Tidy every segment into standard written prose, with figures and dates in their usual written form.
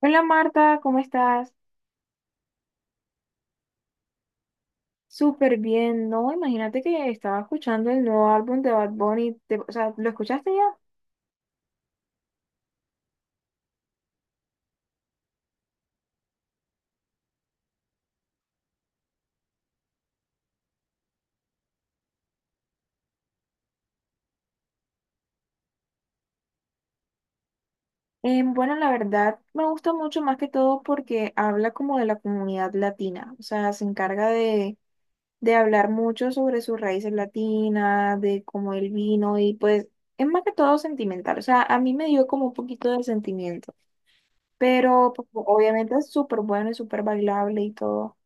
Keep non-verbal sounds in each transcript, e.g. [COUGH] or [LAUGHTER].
Hola Marta, ¿cómo estás? Súper bien, ¿no? Imagínate que estaba escuchando el nuevo álbum de Bad Bunny, o sea, ¿lo escuchaste ya? Bueno, la verdad me gusta mucho más que todo porque habla como de la comunidad latina, o sea, se encarga de hablar mucho sobre sus raíces latinas, de cómo él vino y pues es más que todo sentimental, o sea, a mí me dio como un poquito de sentimiento, pero pues, obviamente es súper bueno y súper bailable y todo.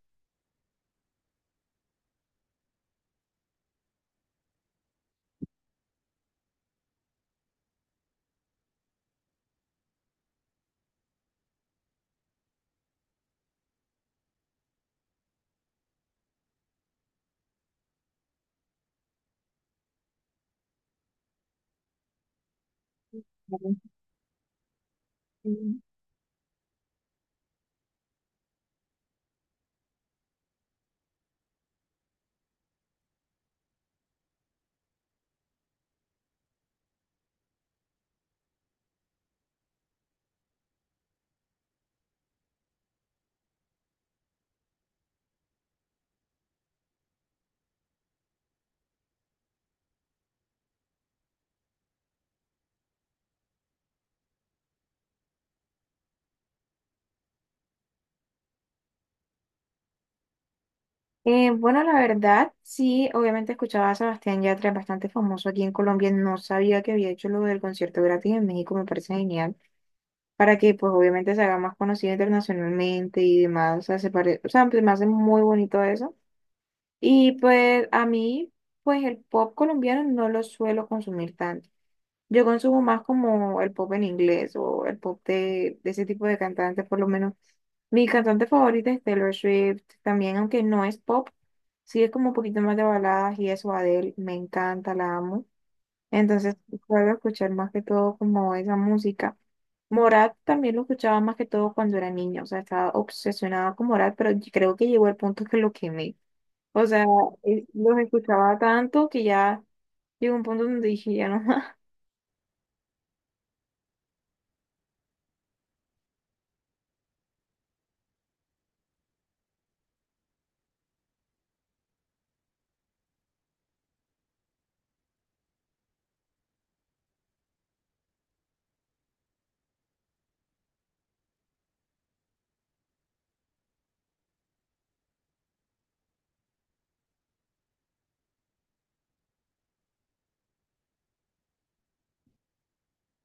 Ujú. Bueno, la verdad, sí, obviamente escuchaba a Sebastián Yatra, es bastante famoso aquí en Colombia, no sabía que había hecho lo del concierto gratis en México, me parece genial, para que pues obviamente se haga más conocido internacionalmente y demás, o sea, o sea, pues, me hace muy bonito eso. Y pues a mí, pues el pop colombiano no lo suelo consumir tanto. Yo consumo más como el pop en inglés o el pop de ese tipo de cantantes, por lo menos. Mi cantante favorita es Taylor Swift, también, aunque no es pop, sí es como un poquito más de baladas y eso, Adele, me encanta, la amo. Entonces, suelo escuchar más que todo como esa música. Morat también lo escuchaba más que todo cuando era niña, o sea, estaba obsesionada con Morat, pero yo creo que llegó el punto que lo quemé. O sea, los escuchaba tanto que ya llegó un punto donde dije, ya no más. [LAUGHS]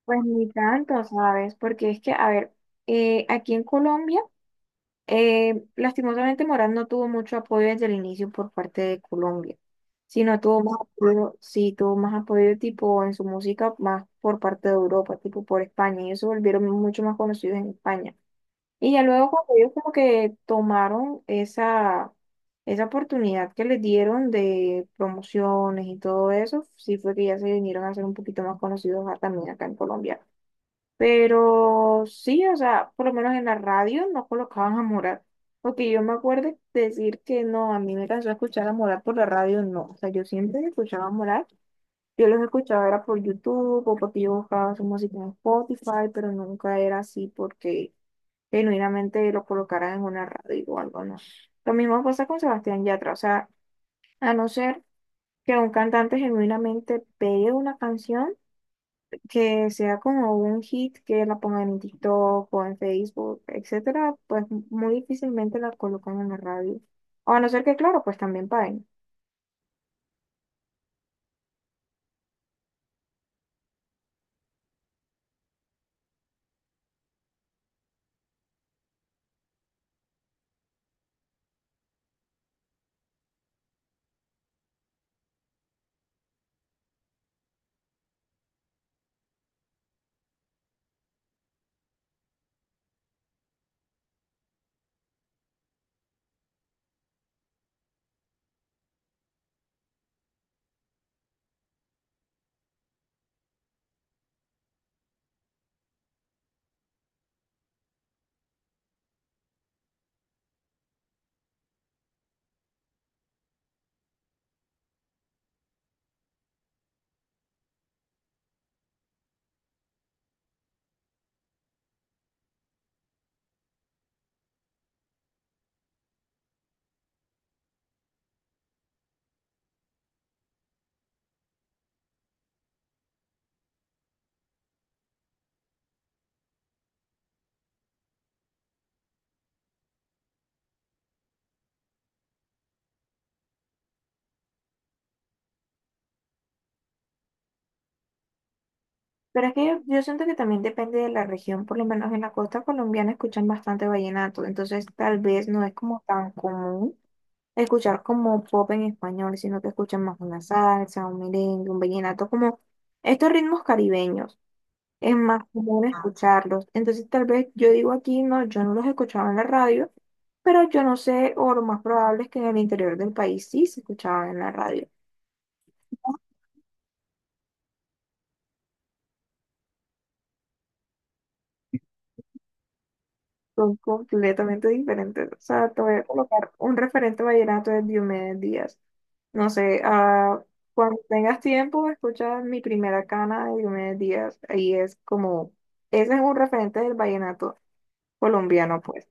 Pues ni tanto, ¿sabes? Porque es que, a ver, aquí en Colombia. Lastimosamente Morán no tuvo mucho apoyo desde el inicio por parte de Colombia, sino tuvo más apoyo, sí, tuvo más apoyo tipo en su música más por parte de Europa, tipo por España. Ellos se volvieron mucho más conocidos en España. Y ya luego cuando ellos como que tomaron esa, esa oportunidad que les dieron de promociones y todo eso, sí fue que ya se vinieron a ser un poquito más conocidos también acá en Colombia. Pero sí, o sea, por lo menos en la radio no colocaban a Morat. Porque yo me acuerdo decir que no, a mí me cansó escuchar a Morat por la radio, no. O sea, yo siempre escuchaba a Morat. Yo los escuchaba era por YouTube o porque yo buscaba su música en Spotify, pero nunca era así porque genuinamente lo colocaran en una radio o algo, no. Lo mismo pasa con Sebastián Yatra. O sea, a no ser que un cantante genuinamente pegue una canción que sea como un hit que la pongan en TikTok o en Facebook, etcétera, pues muy difícilmente la colocan en la radio. O a no ser que, claro, pues también paguen. Pero es que yo siento que también depende de la región, por lo menos en la costa colombiana escuchan bastante vallenato, entonces tal vez no es como tan común escuchar como pop en español, sino que escuchan más una salsa, un merengue, un vallenato, como estos ritmos caribeños. Es más común escucharlos. Entonces, tal vez yo digo aquí, no, yo no los escuchaba en la radio, pero yo no sé, o lo más probable es que en el interior del país sí se escuchaban en la radio. Son completamente diferentes. O sea, te voy a colocar un referente vallenato de Diomedes Díaz. No sé, ah, cuando tengas tiempo, escucha mi primera cana de Diomedes Díaz. Ahí es como, ese es un referente del vallenato colombiano, pues.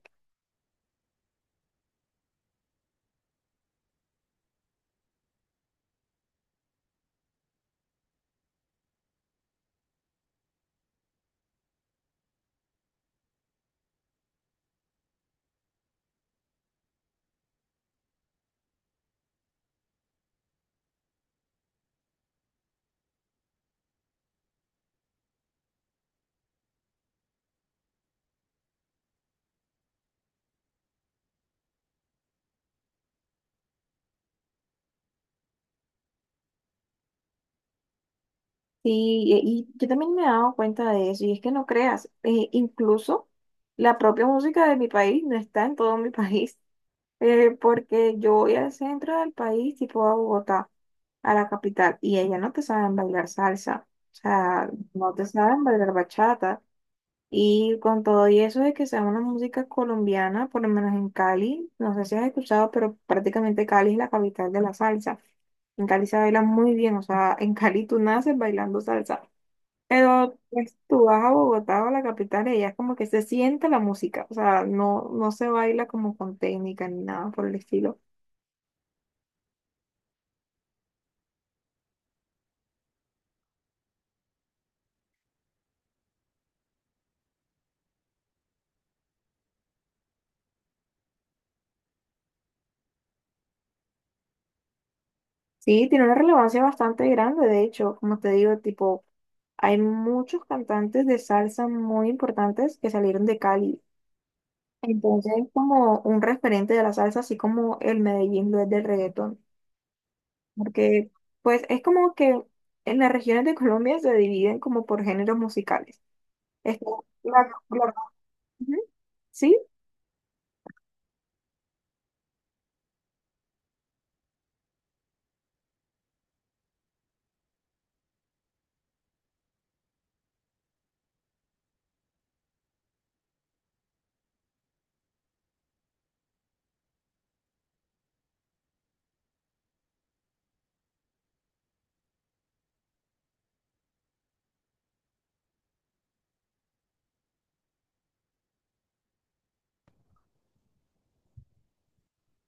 Sí, y, y yo también me he dado cuenta de eso, y es que no creas, incluso la propia música de mi país no está en todo mi país, [LAUGHS] porque yo voy al centro del país, tipo a Bogotá, a la capital, y ellas no te saben bailar salsa, o sea, no te saben bailar bachata, y con todo y eso de que sea una música colombiana, por lo menos en Cali, no sé si has escuchado, pero prácticamente Cali es la capital de la salsa. En Cali se baila muy bien, o sea, en Cali tú naces bailando salsa. Pero pues, tú vas a Bogotá o a la capital y allá es como que se siente la música, o sea, no, no se baila como con técnica ni nada por el estilo. Sí, tiene una relevancia bastante grande, de hecho, como te digo, tipo, hay muchos cantantes de salsa muy importantes que salieron de Cali. Entonces es como un referente de la salsa, así como el Medellín lo es del reggaetón, porque pues es como que en las regiones de Colombia se dividen como por géneros musicales. Está la- la- ujú. Sí,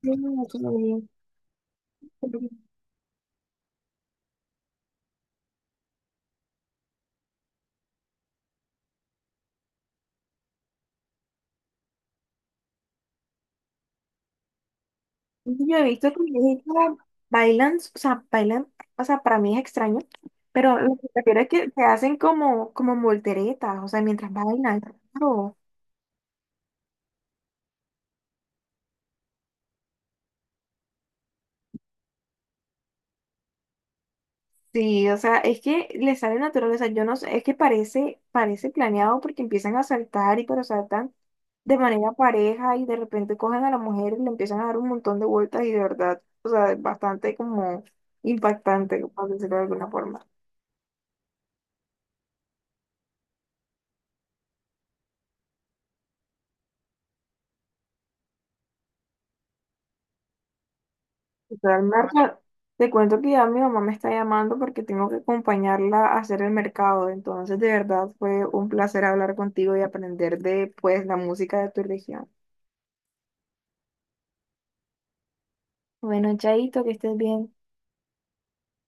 sí, aquí no. Yo he visto que viejitas bailan, o sea, para mí es extraño, pero lo que prefiero es que, se hacen como, como volteretas, o sea, mientras bailan. Claro. Sí, o sea, es que les sale natural, o sea, yo no sé, es que parece, parece planeado porque empiezan a saltar y pero saltan de manera pareja y de repente cogen a la mujer y le empiezan a dar un montón de vueltas y de verdad, o sea, es bastante como impactante, por decirlo de alguna forma. Al mercado te cuento que ya mi mamá me está llamando porque tengo que acompañarla a hacer el mercado. Entonces, de verdad, fue un placer hablar contigo y aprender de, pues, la música de tu región. Bueno, Chaito, que estés bien.